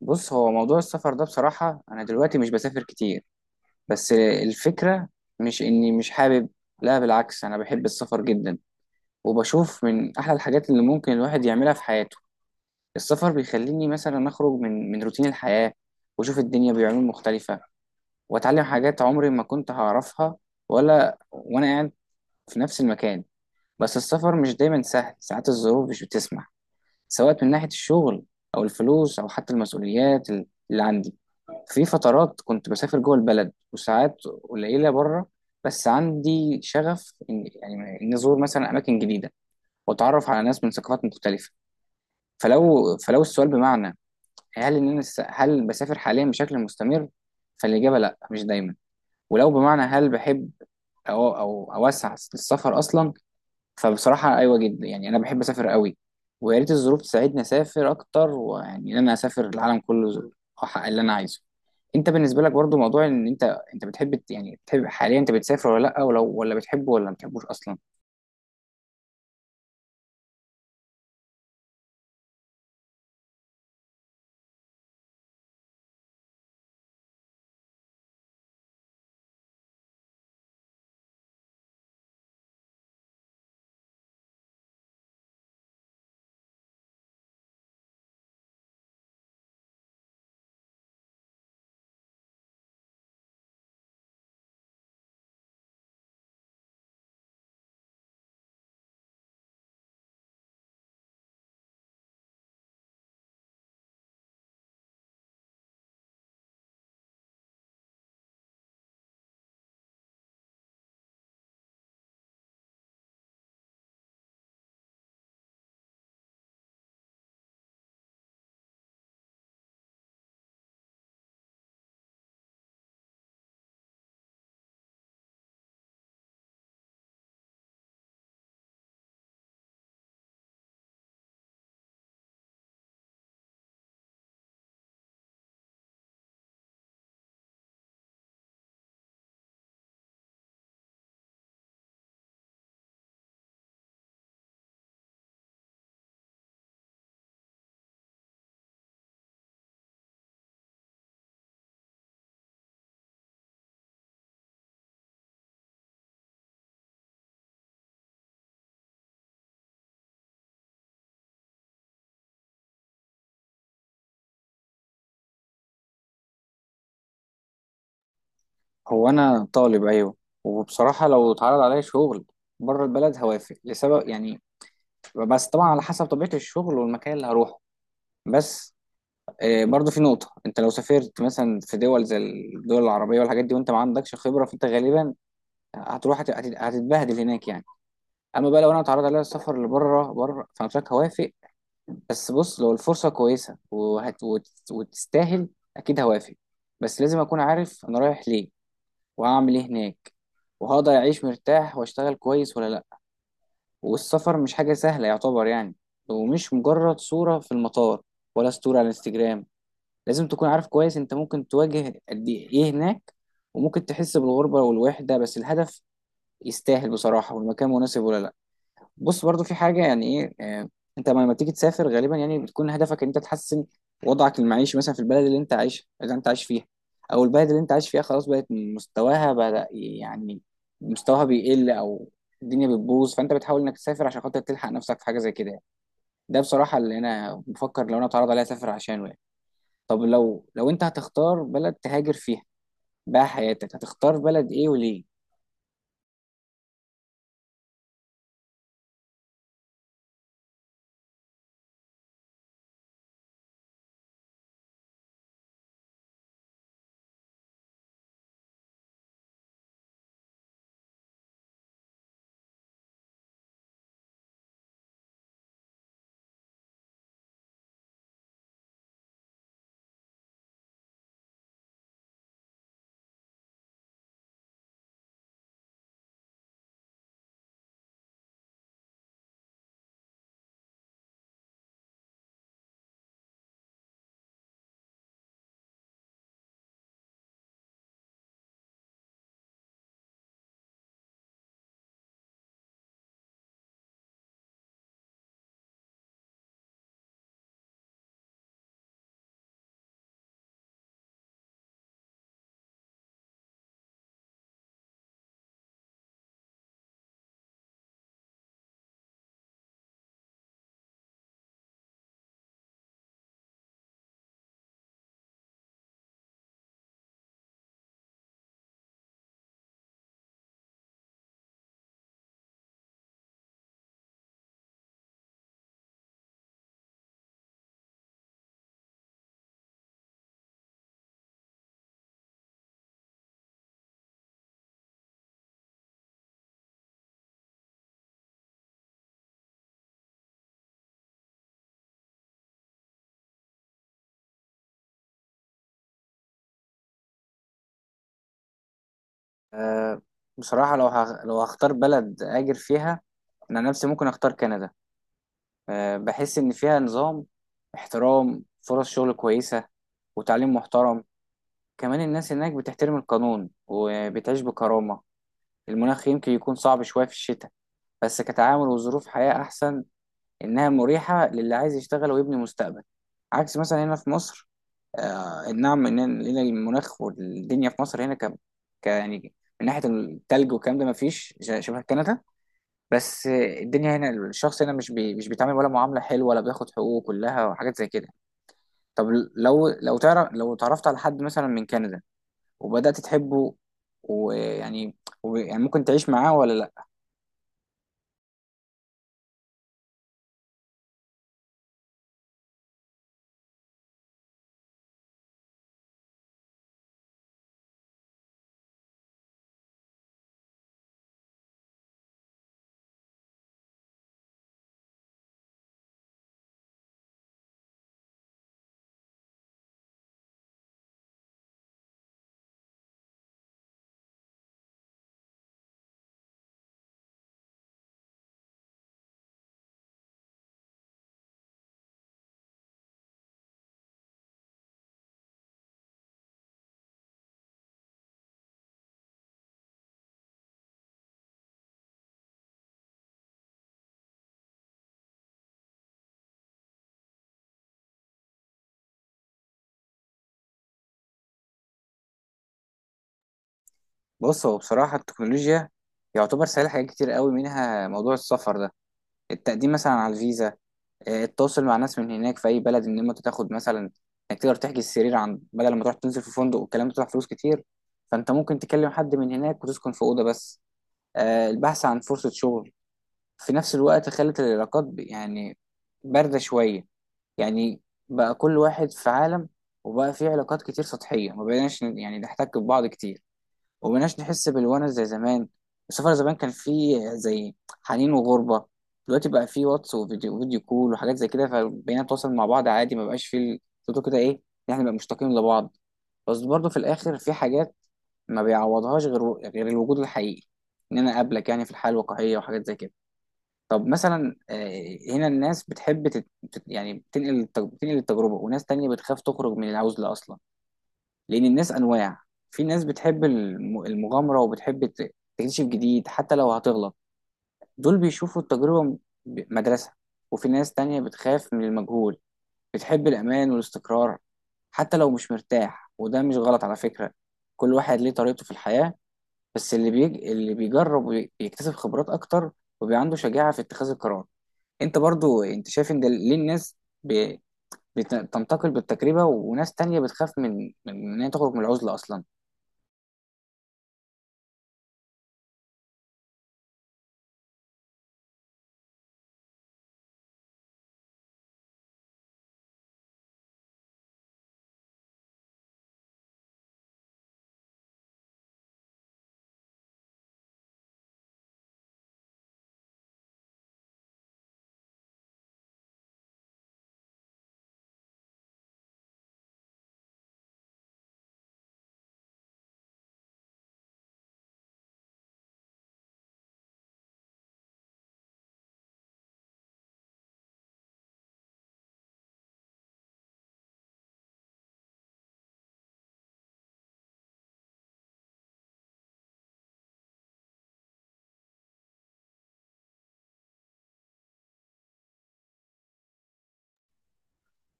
بص، هو موضوع السفر ده بصراحة أنا دلوقتي مش بسافر كتير. بس الفكرة مش إني مش حابب. لا، بالعكس، أنا بحب السفر جدا، وبشوف من أحلى الحاجات اللي ممكن الواحد يعملها في حياته. السفر بيخليني مثلا أخرج من روتين الحياة، وأشوف الدنيا بعيون مختلفة، وأتعلم حاجات عمري ما كنت هعرفها ولا وأنا قاعد في نفس المكان. بس السفر مش دايما سهل، ساعات الظروف مش بتسمح، سواء من ناحية الشغل أو الفلوس أو حتى المسؤوليات اللي عندي. في فترات كنت بسافر جوه البلد، وساعات قليلة بره. بس عندي شغف إن إن أزور مثلا أماكن جديدة، وأتعرف على ناس من ثقافات مختلفة. فلو السؤال بمعنى هل هل بسافر حاليا بشكل مستمر، فالإجابة لأ، مش دايما. ولو بمعنى هل بحب أو أوسع السفر أصلا، فبصراحة أيوة جدا، يعني أنا بحب أسافر قوي، ويا ريت الظروف تساعدني أسافر أكتر، ويعني إن أنا أسافر العالم كله، أحقق اللي أنا عايزه. أنت بالنسبة لك برضو موضوع إن أنت أنت بتحب بتحب حاليا، أنت بتسافر ولا لأ؟ ولا بتحبه ولا ما بتحبوش أصلا؟ هو أنا طالب أيوة، وبصراحة لو اتعرض عليا شغل بره البلد هوافق لسبب يعني. بس طبعا على حسب طبيعة الشغل والمكان اللي هروحه. بس برضو في نقطة، انت لو سافرت مثلا في دول زي الدول العربية والحاجات دي وانت ما عندكش خبرة، فانت غالبا هتروح هت- هت- هتتبهدل هناك يعني. اما بقى لو انا اتعرض عليا السفر لبره، فانا شايف هوافق. بس بص، لو الفرصه كويسه وتستاهل، اكيد هوافق. بس لازم اكون عارف انا رايح ليه، وهعمل ايه هناك، وهقدر اعيش مرتاح واشتغل كويس ولا لا. والسفر مش حاجه سهله يعتبر يعني، ومش مجرد صوره في المطار ولا ستوري على الانستجرام. لازم تكون عارف كويس انت ممكن تواجه قد ايه هناك، وممكن تحس بالغربه والوحده، بس الهدف يستاهل بصراحه، والمكان مناسب ولا لا. بص برضو في حاجة يعني ايه، انت لما تيجي تسافر غالبا يعني بتكون هدفك ان انت تحسن وضعك المعيشي مثلا في البلد اللي انت عايشها، اللي انت عايش فيها، او البلد اللي انت عايش فيها خلاص بقت مستواها بدأ يعني مستواها بيقل، او الدنيا بتبوظ، فانت بتحاول انك تسافر عشان خاطر تلحق نفسك في حاجة زي كده يعني. ده بصراحة اللي انا بفكر لو انا اتعرض عليا اسافر عشانه يعني. طب لو انت هتختار بلد تهاجر فيها بقى حياتك، هتختار بلد ايه وليه؟ آه، بصراحة لو هختار بلد اهاجر فيها، انا عن نفسي ممكن اختار كندا. بحس إن فيها نظام، احترام، فرص شغل كويسة، وتعليم محترم. كمان الناس هناك بتحترم القانون وبتعيش بكرامة. المناخ يمكن يكون صعب شوية في الشتاء، بس كتعامل وظروف حياة أحسن، إنها مريحة للي عايز يشتغل ويبني مستقبل، عكس مثلا هنا في مصر. آه نعم، إن هنا المناخ والدنيا في مصر هنا ك- يعني من ناحية التلج والكلام ده مفيش شبه كندا. بس الدنيا هنا، الشخص هنا مش بي مش بيتعامل ولا معاملة حلوة، ولا بياخد حقوقه كلها وحاجات زي كده. طب لو تعرفت على حد مثلا من كندا، وبدأت تحبه، ويعني و- يعني ممكن تعيش معاه ولا لا؟ بص، هو بصراحة التكنولوجيا يعتبر سهل حاجات كتير قوي، منها موضوع السفر ده، التقديم مثلا على الفيزا، التواصل مع ناس من هناك في اي بلد، ان انت تاخد مثلا، انك تقدر تحجز سرير عن بدل ما تروح تنزل في فندق والكلام ده بتدفع فلوس كتير، فانت ممكن تكلم حد من هناك وتسكن في اوضه بس، البحث عن فرصة شغل. في نفس الوقت خلت العلاقات باردة شوية يعني، بقى كل واحد في عالم، وبقى في علاقات كتير سطحية، ما بقيناش نحتك ببعض كتير، ومبقناش نحس بالونس زي زمان. السفر زمان كان فيه زي حنين وغربة، دلوقتي بقى فيه واتس وفيديو كول وحاجات زي كده، فبقينا نتواصل مع بعض عادي، ما بقاش فيه صوته كده ايه، إن احنا نبقى مشتاقين لبعض. بس برضه في الاخر في حاجات ما بيعوضهاش غير الوجود الحقيقي، ان انا اقابلك يعني في الحياه الواقعيه وحاجات زي كده. طب مثلا هنا الناس بتحب تت... تت- يعني بتنقل بتنقل التجربه، وناس تانية بتخاف تخرج من العزله اصلا. لان الناس انواع، في ناس بتحب المغامره وبتحب تكتشف جديد حتى لو هتغلط، دول بيشوفوا التجربه مدرسه. وفي ناس تانية بتخاف من المجهول، بتحب الامان والاستقرار حتى لو مش مرتاح، وده مش غلط على فكره، كل واحد ليه طريقته في الحياه. بس اللي بيجرب بيكتسب خبرات اكتر، وبيبقى عنده شجاعه في اتخاذ القرار. انت برضو، انت شايف ان ده ليه الناس ب... بتنتقل بالتجربه، وناس تانية بتخاف من ان هي تخرج من العزله اصلا؟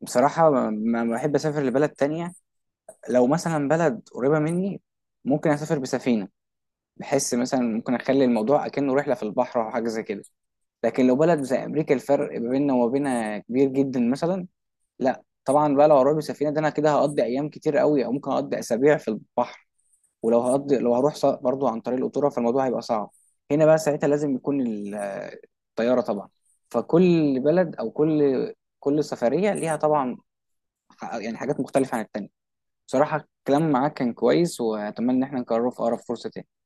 بصراحة ما بحب أسافر لبلد تانية. لو مثلا بلد قريبة مني، ممكن أسافر بسفينة، بحس مثلا ممكن أخلي الموضوع أكنه رحلة في البحر أو حاجة زي كده. لكن لو بلد زي أمريكا، الفرق ما بيننا وما بينها كبير جدا مثلا، لا طبعا بقى. لو هروح بسفينة ده أنا كده هقضي أيام كتير قوي، أو ممكن أقضي أسابيع في البحر. ولو هقضي، لو هروح برضو عن طريق القطورة، فالموضوع هيبقى صعب. هنا بقى ساعتها لازم يكون الطيارة طبعا. فكل بلد، أو كل سفرية ليها طبعا حاجات مختلفة عن التانية. بصراحة الكلام معاك كان كويس، وأتمنى إن احنا نكرره في أقرب فرصة تاني.